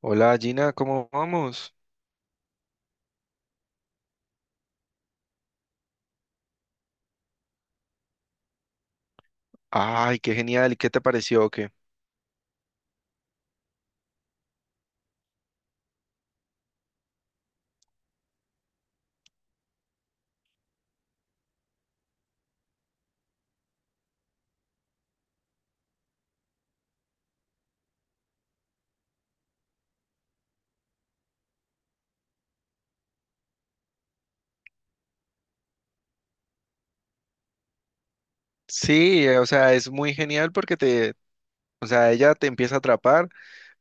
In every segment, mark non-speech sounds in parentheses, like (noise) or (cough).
Hola Gina, ¿cómo vamos? Ay, qué genial, ¿y qué te pareció o qué? Sí, o sea, es muy genial o sea, ella te empieza a atrapar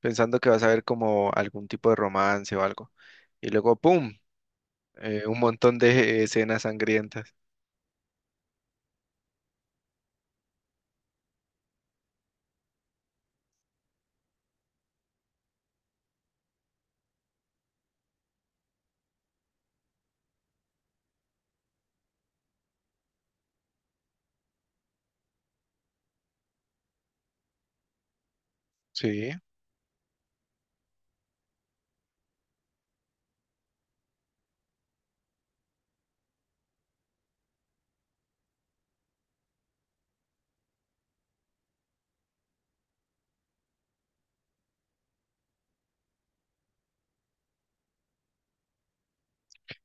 pensando que vas a ver como algún tipo de romance o algo. Y luego, ¡pum! Un montón de (laughs) escenas sangrientas. Sí.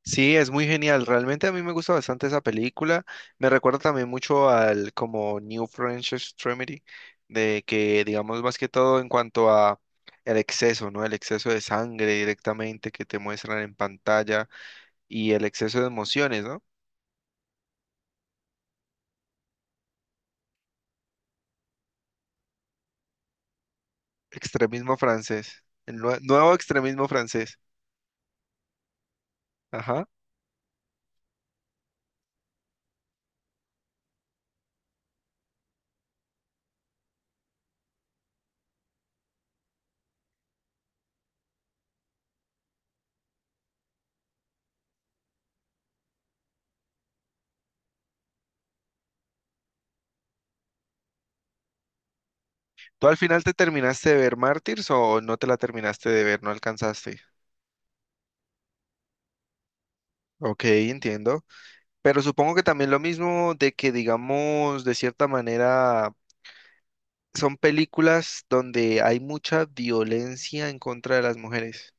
Sí, es muy genial. Realmente a mí me gusta bastante esa película. Me recuerda también mucho al como New French Extremity, de que digamos más que todo en cuanto a el exceso, ¿no? El exceso de sangre directamente que te muestran en pantalla y el exceso de emociones, ¿no? Extremismo francés, el nuevo extremismo francés. Ajá. ¿Tú al final te terminaste de ver Mártires o no te la terminaste de ver, no alcanzaste? Ok, entiendo. Pero supongo que también lo mismo de que, digamos, de cierta manera, son películas donde hay mucha violencia en contra de las mujeres.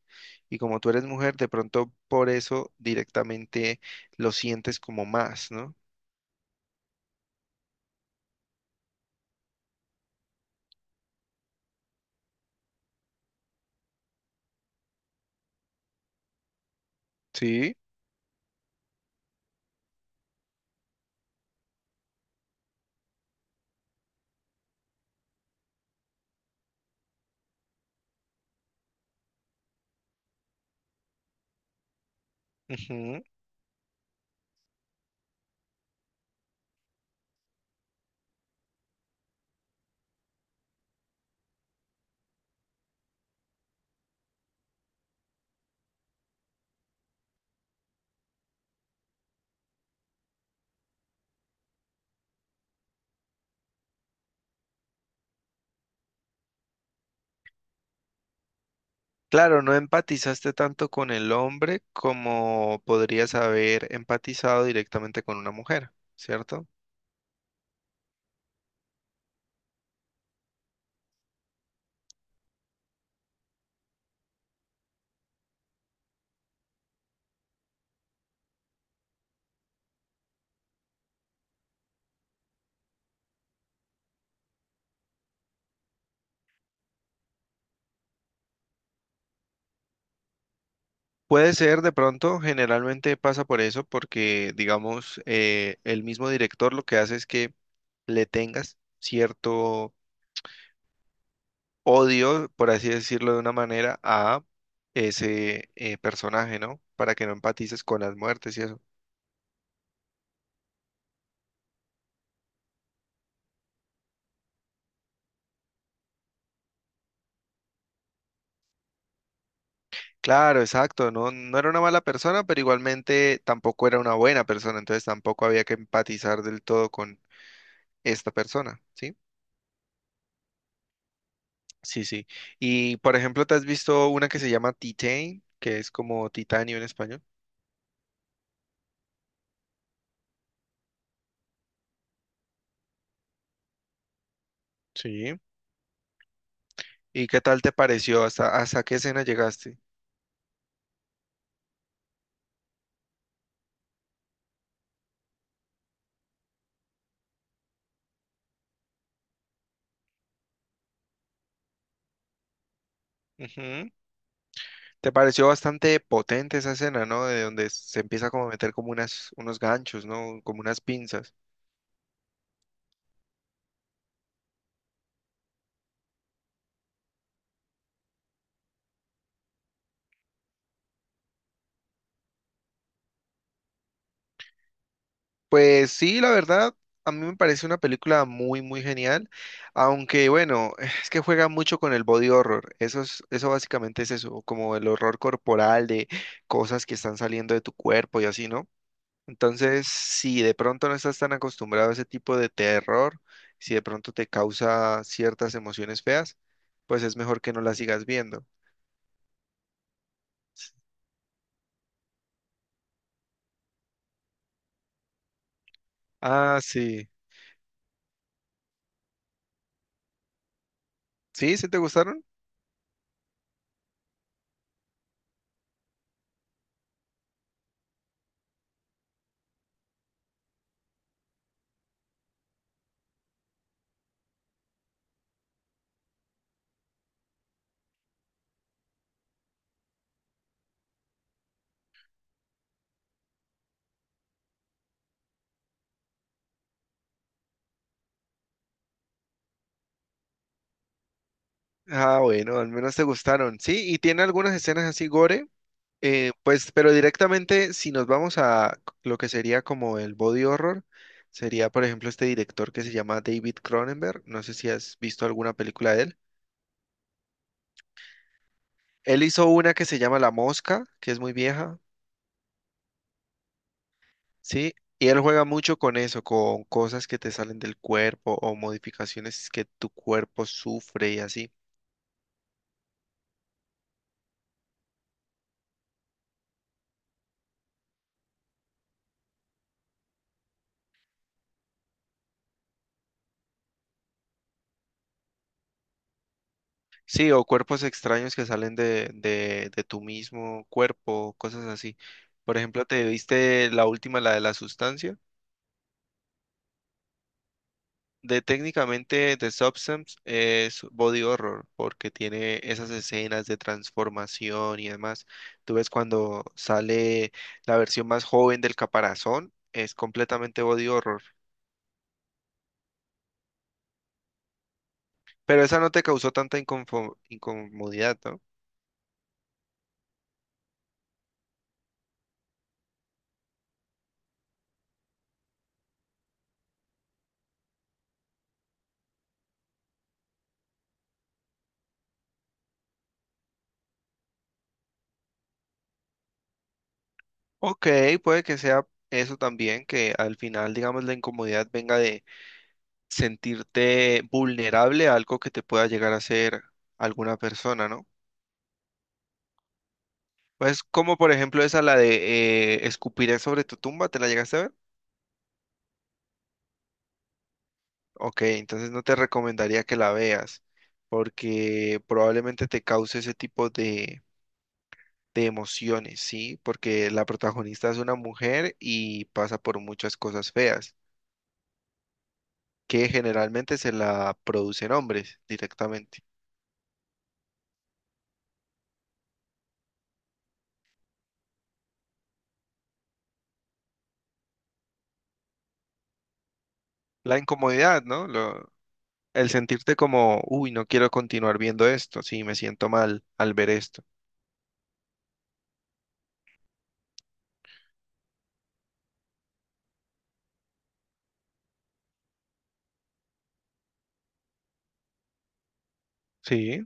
Y como tú eres mujer, de pronto por eso directamente lo sientes como más, ¿no? Sí. Ujú. Claro, no empatizaste tanto con el hombre como podrías haber empatizado directamente con una mujer, ¿cierto? Puede ser de pronto, generalmente pasa por eso, porque digamos, el mismo director lo que hace es que le tengas cierto odio, por así decirlo de una manera, a ese personaje, ¿no? Para que no empatices con las muertes y eso. Claro, exacto, no, no era una mala persona, pero igualmente tampoco era una buena persona, entonces tampoco había que empatizar del todo con esta persona, ¿sí? Sí, sí. Y por ejemplo, ¿te has visto una que se llama Titane, que es como titanio en español? Sí. ¿Y qué tal te pareció? Hasta qué escena llegaste? Ujú. Te pareció bastante potente esa escena, ¿no? De donde se empieza como a meter como unos ganchos, ¿no? Como unas pinzas. Pues sí, la verdad, a mí me parece una película muy genial. Aunque bueno, es que juega mucho con el body horror. Eso es, eso básicamente es eso, como el horror corporal de cosas que están saliendo de tu cuerpo y así, ¿no? Entonces, si de pronto no estás tan acostumbrado a ese tipo de terror, si de pronto te causa ciertas emociones feas, pues es mejor que no las sigas viendo. Ah, sí. ¿Sí? ¿Sí te gustaron? Ah, bueno, al menos te gustaron. Sí, y tiene algunas escenas así gore, pues, pero directamente si nos vamos a lo que sería como el body horror, sería, por ejemplo, este director que se llama David Cronenberg. No sé si has visto alguna película de él. Él hizo una que se llama La Mosca, que es muy vieja. Sí, y él juega mucho con eso, con cosas que te salen del cuerpo o modificaciones que tu cuerpo sufre y así. Sí, o cuerpos extraños que salen de tu mismo cuerpo, cosas así. Por ejemplo, ¿te viste la última, la de la sustancia? De técnicamente The Substance es body horror porque tiene esas escenas de transformación y demás. Tú ves cuando sale la versión más joven del caparazón, es completamente body horror. Pero esa no te causó tanta incomodidad, ¿no? Ok, puede que sea eso también, que al final, digamos, la incomodidad venga de sentirte vulnerable a algo que te pueda llegar a hacer alguna persona, ¿no? Pues como por ejemplo esa, la de escupiré sobre tu tumba, ¿te la llegaste a ver? Ok, entonces no te recomendaría que la veas, porque probablemente te cause ese tipo de emociones, ¿sí? Porque la protagonista es una mujer y pasa por muchas cosas feas. Que generalmente se la producen hombres directamente. La incomodidad, ¿no? Lo, el sentirte como, uy, no quiero continuar viendo esto, sí, me siento mal al ver esto. Sí,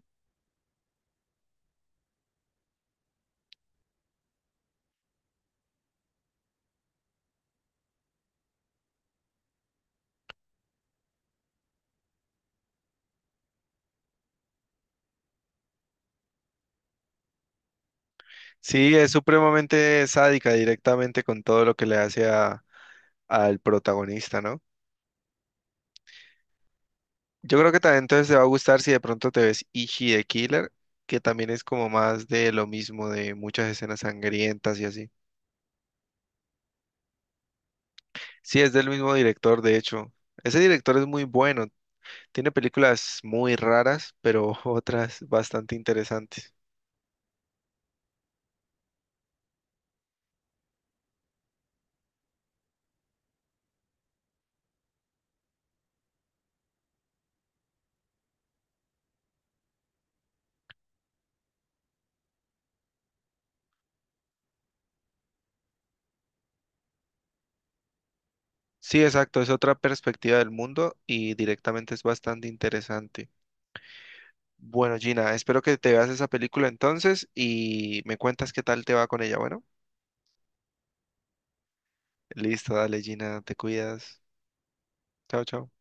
sí, es supremamente sádica directamente con todo lo que le hace al protagonista, ¿no? Yo creo que también entonces te va a gustar si de pronto te ves Ichi de Killer, que también es como más de lo mismo, de muchas escenas sangrientas y así. Sí, es del mismo director, de hecho. Ese director es muy bueno, tiene películas muy raras, pero (laughs) otras bastante interesantes. Sí, exacto, es otra perspectiva del mundo y directamente es bastante interesante. Bueno, Gina, espero que te veas esa película entonces y me cuentas qué tal te va con ella. Bueno, listo, dale, Gina, te cuidas. Chao, chao.